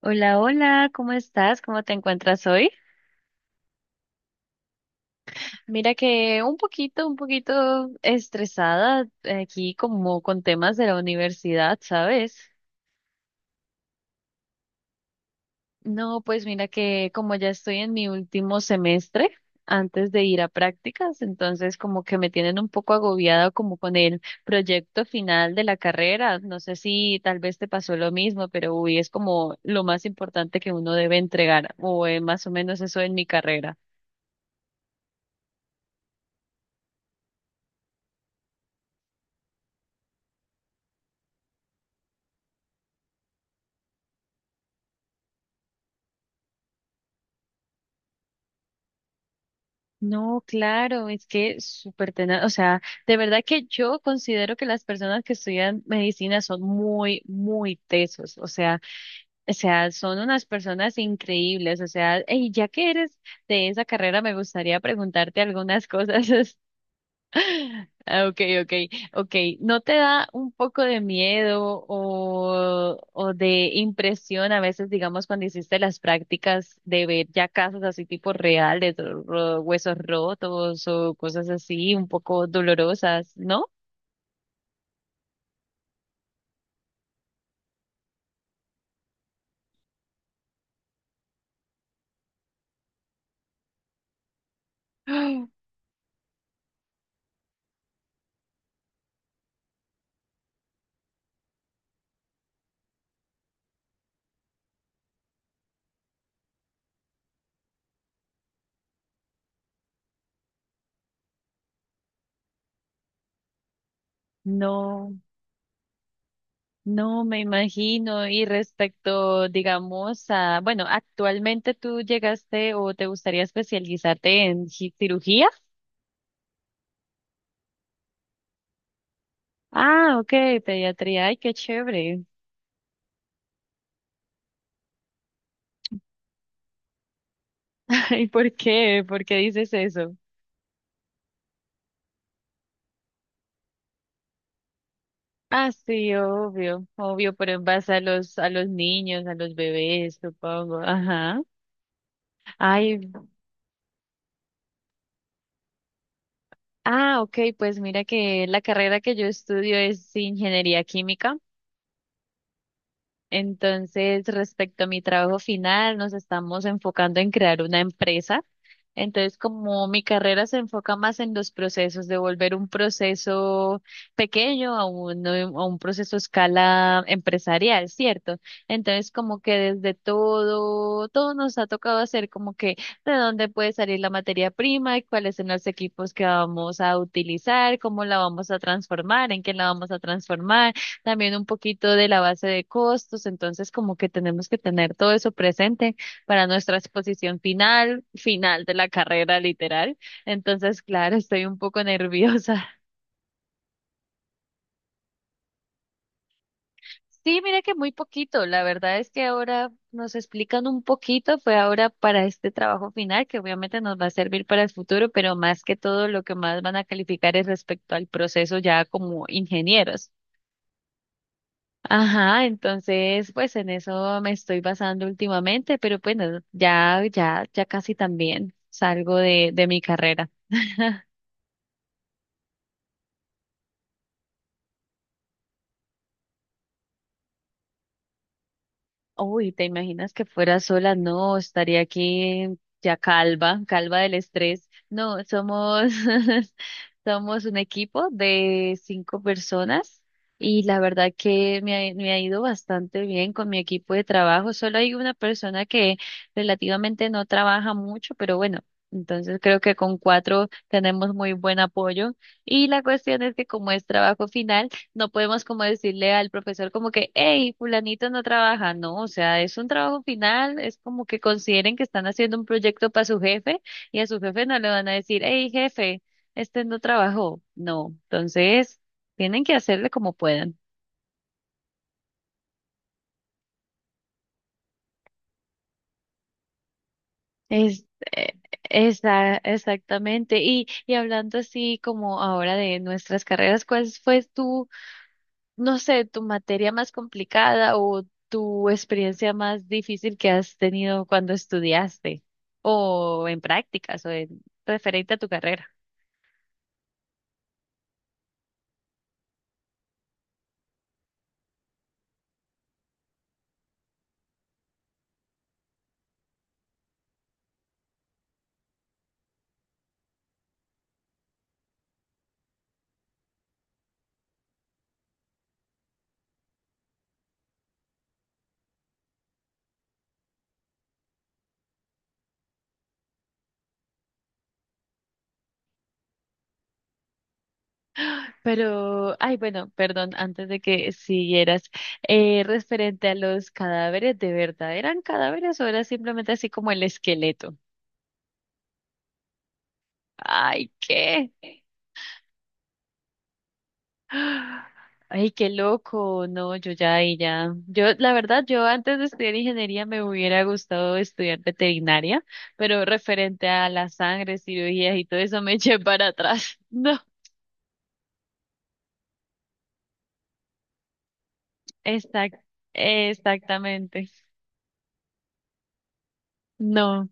Hola, hola, ¿cómo estás? ¿Cómo te encuentras hoy? Mira que un poquito estresada aquí como con temas de la universidad, ¿sabes? No, pues mira que como ya estoy en mi último semestre antes de ir a prácticas, entonces como que me tienen un poco agobiada como con el proyecto final de la carrera. No sé si tal vez te pasó lo mismo, pero uy, es como lo más importante que uno debe entregar, o más o menos eso en mi carrera. No, claro, es que es súper tenaz, o sea, de verdad que yo considero que las personas que estudian medicina son muy, muy tesos, o sea, son unas personas increíbles, o sea, y ya que eres de esa carrera, me gustaría preguntarte algunas cosas. Ah, ok, ok, ok. ¿No te da un poco de miedo o de impresión a veces, digamos, cuando hiciste las prácticas de ver ya casos así tipo reales, huesos rotos o cosas así un poco dolorosas, ¿no? ¡Ah! No, no me imagino. Y respecto, digamos, a, bueno, actualmente tú llegaste o te gustaría especializarte en cirugía? Ah, ok, pediatría. Ay, qué chévere. Ay, ¿por qué? ¿Por qué dices eso? Ah, sí, obvio, obvio, pero en base a los niños, a los bebés, supongo. Ajá. Ay, ah, ok, pues mira que la carrera que yo estudio es ingeniería química. Entonces, respecto a mi trabajo final, nos estamos enfocando en crear una empresa. Entonces, como mi carrera se enfoca más en los procesos, de volver un proceso pequeño a un proceso a escala empresarial, ¿cierto? Entonces, como que desde todo, todo nos ha tocado hacer como que de dónde puede salir la materia prima, y cuáles son los equipos que vamos a utilizar, cómo la vamos a transformar, en qué la vamos a transformar también un poquito de la base de costos, entonces como que tenemos que tener todo eso presente para nuestra exposición final, final de la carrera literal. Entonces, claro, estoy un poco nerviosa. Sí, mira que muy poquito, la verdad es que ahora nos explican un poquito, fue ahora para este trabajo final, que obviamente nos va a servir para el futuro, pero más que todo lo que más van a calificar es respecto al proceso ya como ingenieros. Ajá, entonces, pues en eso me estoy basando últimamente, pero bueno, ya casi también salgo de mi carrera. Uy, ¿te imaginas que fuera sola? No, estaría aquí ya calva, calva del estrés. No, somos, somos un equipo de cinco personas y la verdad que me ha ido bastante bien con mi equipo de trabajo. Solo hay una persona que relativamente no trabaja mucho, pero bueno, entonces creo que con cuatro tenemos muy buen apoyo. Y la cuestión es que como es trabajo final, no podemos como decirle al profesor como que, hey, fulanito no trabaja, no, o sea, es un trabajo final, es como que consideren que están haciendo un proyecto para su jefe y a su jefe no le van a decir, hey, jefe, este no trabajó, no, entonces tienen que hacerle como puedan. Es, eh, exactamente. Y hablando así como ahora de nuestras carreras, ¿cuál fue tu no sé, tu materia más complicada o tu experiencia más difícil que has tenido cuando estudiaste o en prácticas o en referente a tu carrera. Pero, ay, bueno, perdón, antes de que siguieras, referente a los cadáveres, ¿de verdad eran cadáveres o era simplemente así como el esqueleto? Ay, ¿qué? Ay, qué loco. No, yo ya ahí ya. Yo, la verdad, yo antes de estudiar ingeniería me hubiera gustado estudiar veterinaria, pero referente a la sangre, cirugías y todo eso me eché para atrás. No, exact, exactamente. No.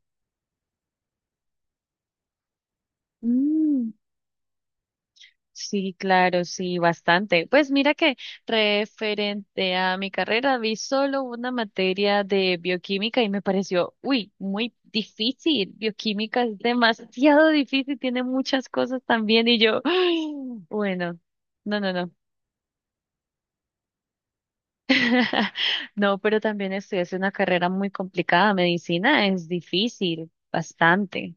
Mm. Sí, claro, sí, bastante. Pues mira que referente a mi carrera, vi solo una materia de bioquímica y me pareció, uy, muy difícil. Bioquímica es demasiado difícil, tiene muchas cosas también y yo, ay, bueno, no, no, no. No, pero también estudié una carrera muy complicada. Medicina es difícil, bastante.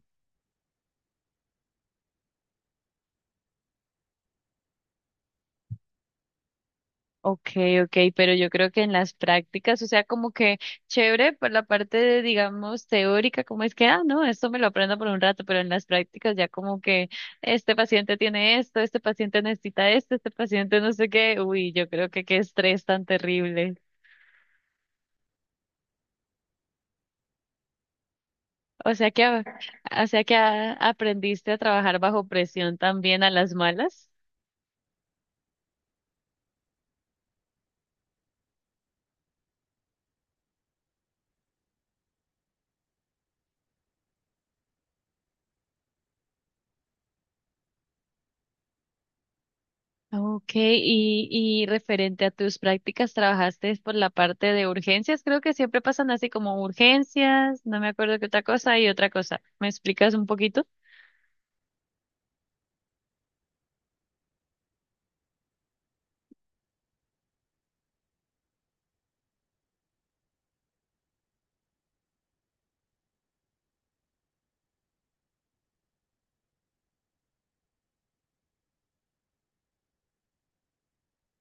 Okay, okay, pero yo creo que en las prácticas, o sea, como que chévere por la parte de, digamos, teórica, como es que, ah, no, esto me lo aprendo por un rato, pero en las prácticas ya como que este paciente tiene esto, este paciente necesita esto, este paciente no sé qué, uy, yo creo que qué estrés tan terrible. O sea que, a- o sea que aprendiste a trabajar bajo presión también a las malas. Ok, y referente a tus prácticas, trabajaste por la parte de urgencias, creo que siempre pasan así como urgencias, no me acuerdo qué otra cosa y otra cosa. ¿Me explicas un poquito?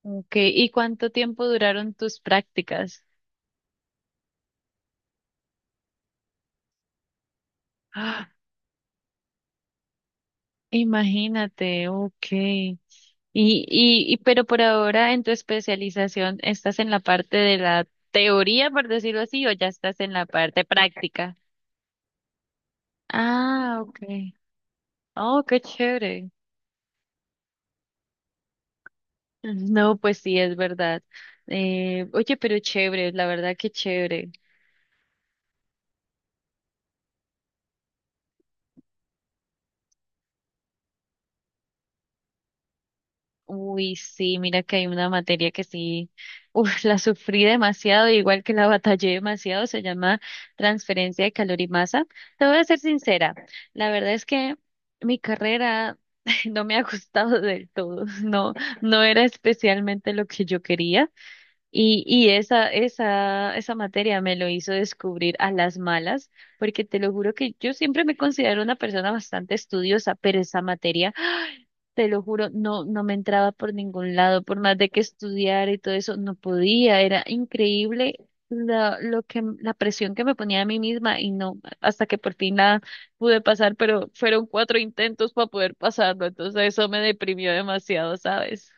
Ok, ¿y cuánto tiempo duraron tus prácticas? Ah, imagínate, ok. Pero por ahora en tu especialización, ¿estás en la parte de la teoría, por decirlo así, o ya estás en la parte práctica? Ah, okay. Oh, qué chévere. No, pues sí, es verdad. Oye, pero chévere, la verdad que chévere. Uy, sí, mira que hay una materia que sí, uf, la sufrí demasiado, igual que la batallé demasiado, se llama transferencia de calor y masa. Te voy a ser sincera, la verdad es que mi carrera no me ha gustado del todo, no, no era especialmente lo que yo quería. Y esa materia me lo hizo descubrir a las malas, porque te lo juro que yo siempre me considero una persona bastante estudiosa, pero esa materia, te lo juro, no me entraba por ningún lado, por más de que estudiara y todo eso, no podía, era increíble la presión que me ponía a mí misma y no, hasta que por fin la pude pasar, pero fueron cuatro intentos para poder pasarlo, entonces eso me deprimió demasiado, ¿sabes?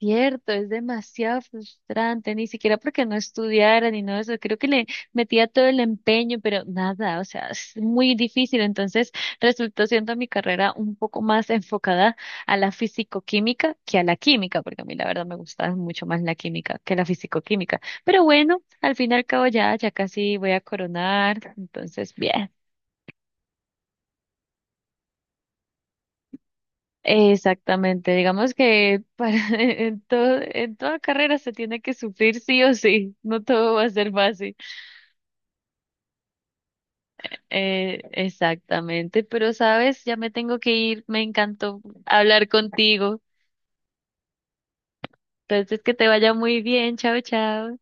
Cierto, es demasiado frustrante, ni siquiera porque no estudiara ni nada de eso, creo que le metía todo el empeño, pero nada, o sea, es muy difícil, entonces resultó siendo mi carrera un poco más enfocada a la fisicoquímica que a la química, porque a mí la verdad me gusta mucho más la química que la fisicoquímica, pero bueno, al fin y al cabo ya, ya casi voy a coronar, entonces bien. Exactamente, digamos que para, en todo, en toda carrera se tiene que sufrir sí o sí, no todo va a ser fácil. Exactamente, pero sabes, ya me tengo que ir, me encantó hablar contigo. Entonces, que te vaya muy bien, chao, chao.